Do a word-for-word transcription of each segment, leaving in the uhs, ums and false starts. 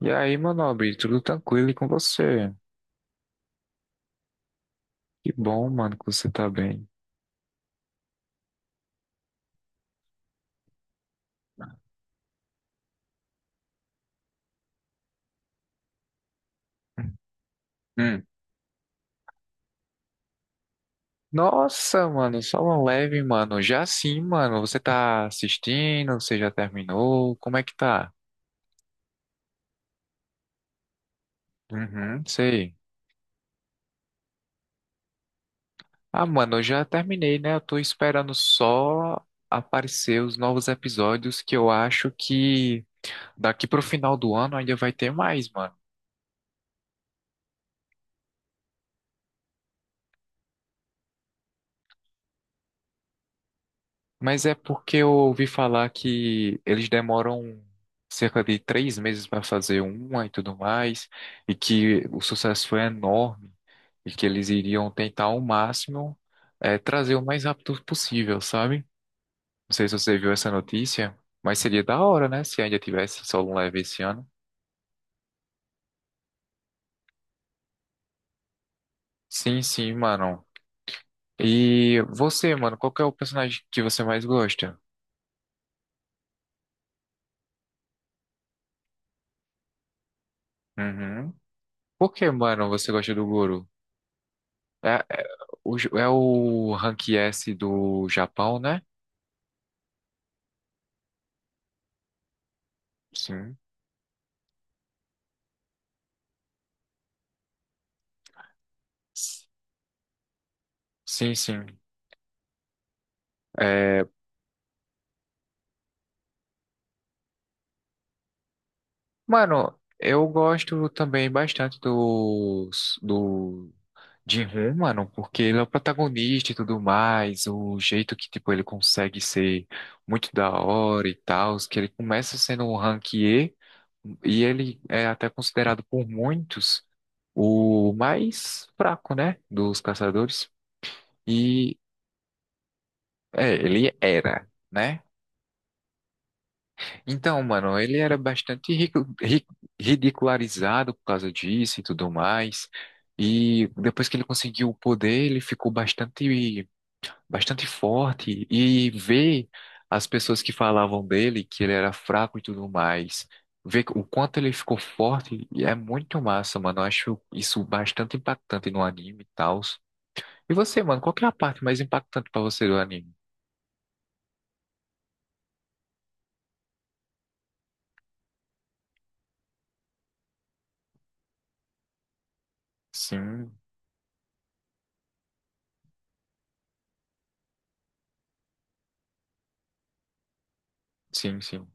E aí, meu nobre, tudo tranquilo e com você? Que bom, mano, que você tá bem. Hum. Nossa, mano, só uma leve, mano. Já sim, mano, você tá assistindo? Você já terminou? Como é que tá? Uhum. Sei. Ah, mano, eu já terminei, né? Eu tô esperando só aparecer os novos episódios que eu acho que daqui pro final do ano ainda vai ter mais, mano. Mas é porque eu ouvi falar que eles demoram cerca de três meses para fazer uma e tudo mais, e que o sucesso foi enorme, e que eles iriam tentar ao máximo eh, trazer o mais rápido possível, sabe? Não sei se você viu essa notícia, mas seria da hora, né? Se ainda tivesse solo um leve esse ano. Sim, sim, mano. E você, mano, qual que é o personagem que você mais gosta? Uhum. Por que, mano, você gosta do Goro? É, é, o, J- É o Rank S do Japão, né? Sim. S- Sim, sim. É, mano, eu gosto também bastante do, do Jin-Hoon, mano, porque ele é o protagonista e tudo mais, o jeito que, tipo, ele consegue ser muito da hora e tal, que ele começa sendo um rank E, e ele é até considerado por muitos o mais fraco, né, dos caçadores. E É, ele era, né? Então, mano, ele era bastante rico- ri- ridicularizado por causa disso e tudo mais. E depois que ele conseguiu o poder, ele ficou bastante, bastante forte. E ver as pessoas que falavam dele, que ele era fraco e tudo mais, ver o quanto ele ficou forte, e é muito massa, mano. Eu acho isso bastante impactante no anime e tal. E você, mano, qual que é a parte mais impactante pra você do anime? Sim, sim, sim.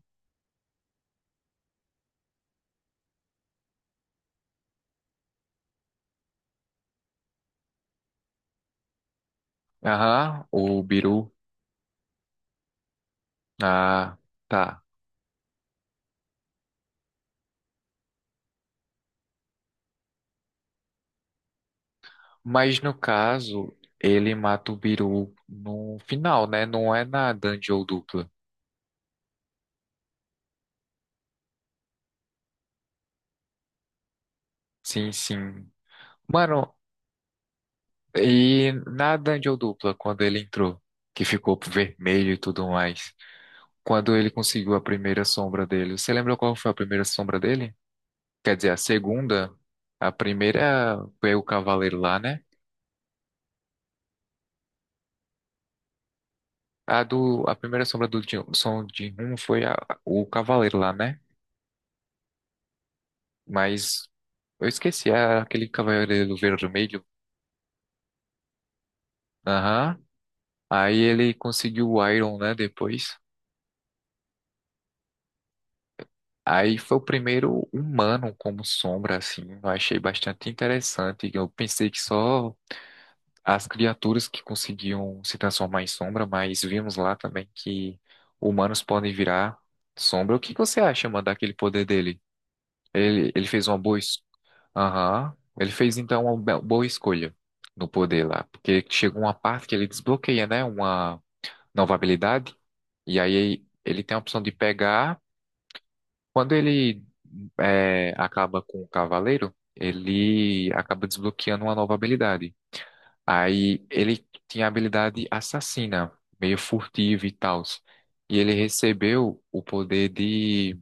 Aham, o Biru. Ah, tá. Mas no caso, ele mata o Biru no final, né? Não é na dungeon dupla. Sim, sim. Mano, e na dungeon dupla, quando ele entrou, que ficou vermelho e tudo mais, quando ele conseguiu a primeira sombra dele, você lembra qual foi a primeira sombra dele? Quer dizer, a segunda? A primeira foi o cavaleiro lá, né? A do, a primeira sombra do Jin- som de Hun foi a- o cavaleiro lá, né? Mas Eu esqueci, é aquele Cavaleiro Vermelho. Aham. Aí ele conseguiu o Iron, né, depois. Aí foi o primeiro humano como sombra, assim. Eu achei bastante interessante. Eu pensei que só as criaturas que conseguiam se transformar em sombra, mas vimos lá também que humanos podem virar sombra. O que que você acha, mano, daquele poder dele? Ele, ele fez uma boa... es- Aham. Ele fez, então, uma be- boa escolha no poder lá. Porque chegou uma parte que ele desbloqueia, né, uma novabilidade. E aí ele tem a opção de pegar. Quando ele é, acaba com o cavaleiro, ele acaba desbloqueando uma nova habilidade. Aí ele tinha a habilidade assassina, meio furtiva e tal. E ele recebeu o poder de,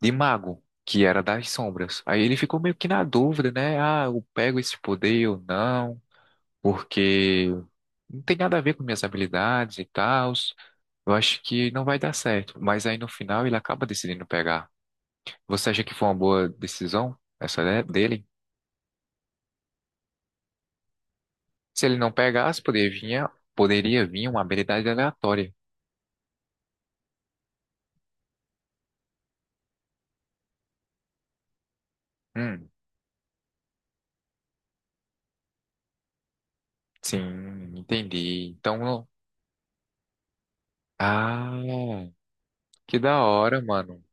de mago, que era das sombras. Aí ele ficou meio que na dúvida, né? Ah, eu pego esse poder ou não? Porque não tem nada a ver com minhas habilidades e tal. Eu acho que não vai dar certo. Mas aí no final ele acaba decidindo pegar. Você acha que foi uma boa decisão essa de- dele? Se ele não pegasse, poderia vir, poderia vir uma habilidade aleatória. Hum, sim, entendi. Então, não- ah, que da hora, mano.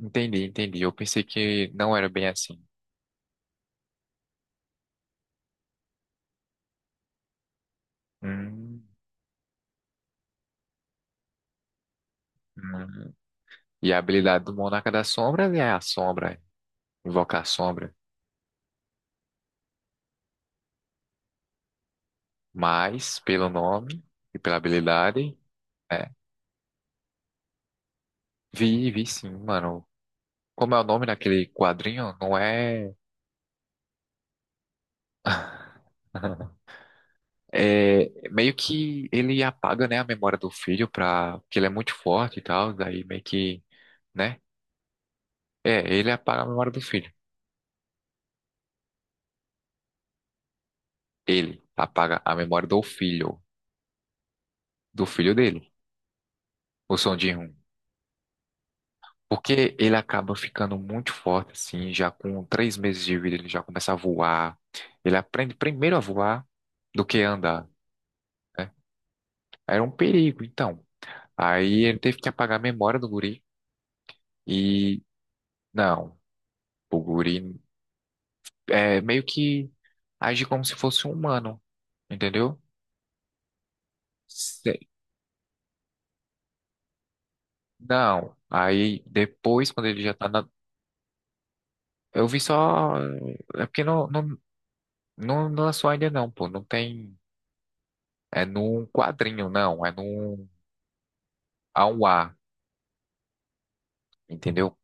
Entendi, entendi. Eu pensei que não era bem assim. Hum, hum. E a habilidade do Monarca das Sombras é a sombra, invocar a sombra. Mas, pelo nome e pela habilidade, é. Vi, vi sim, mano. Como é o nome daquele quadrinho? Não é. É meio que ele apaga, né, a memória do filho pra. Porque ele é muito forte e tal. Daí meio que, né? É, ele apaga a memória do filho. Ele apaga a memória do filho. Do filho dele. O Son Jin-Hoon. Porque ele acaba ficando muito forte, assim, já com três meses de vida, ele já começa a voar. Ele aprende primeiro a voar do que andar. Né? Era um perigo, então. Aí ele teve que apagar a memória do guri e não, o guri é meio que age como se fosse um humano, entendeu? Se- Não. Aí depois, quando ele já tá na. Eu vi só. É porque não, não, não lançou ainda, não, pô. Não tem. É num quadrinho, não. É num a um A, entendeu?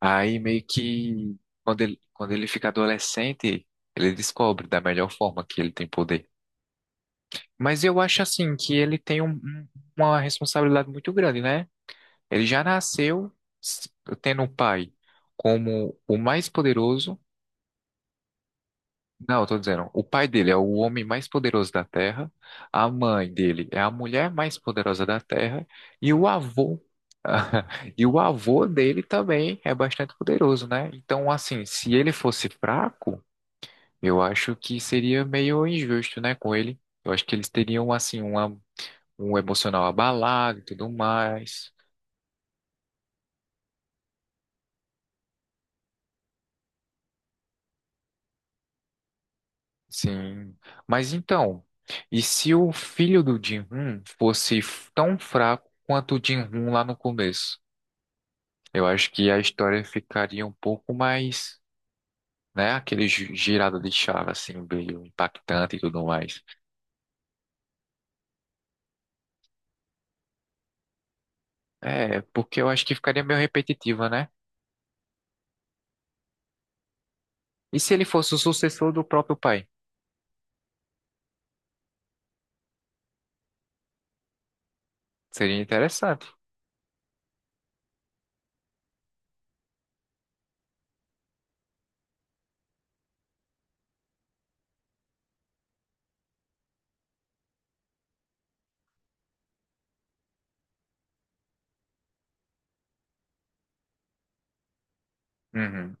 Aí meio que quando ele, quando ele fica adolescente, ele descobre da melhor forma que ele tem poder. Mas eu acho assim que ele tem um- um- uma responsabilidade muito grande, né? Ele já nasceu s- tendo um pai como o mais poderoso. Não, eu tô dizendo, o pai dele é o homem mais poderoso da Terra, a mãe dele é a mulher mais poderosa da Terra e o avô e o avô dele também é bastante poderoso, né? Então, assim, se ele fosse fraco, eu acho que seria meio injusto, né, com ele. Eu acho que eles teriam assim uma um emocional abalado e tudo mais. Sim. Mas então, e se o filho do Jin-hoon fosse tão fraco quanto o Jin-hoon lá no começo? Eu acho que a história ficaria um pouco mais, né, aquele gi- girada de chave assim, meio impactante e tudo mais. É, porque eu acho que ficaria meio repetitiva, né? E se ele fosse o sucessor do próprio pai? Seria interessante. Uhum.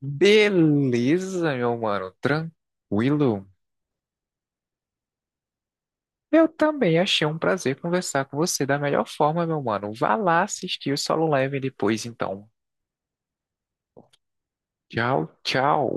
Beleza, meu mano. Tranquilo. Eu também achei um prazer conversar com você da melhor forma, meu mano. Vá lá assistir o Solo Leveling depois, então. Tchau, tchau.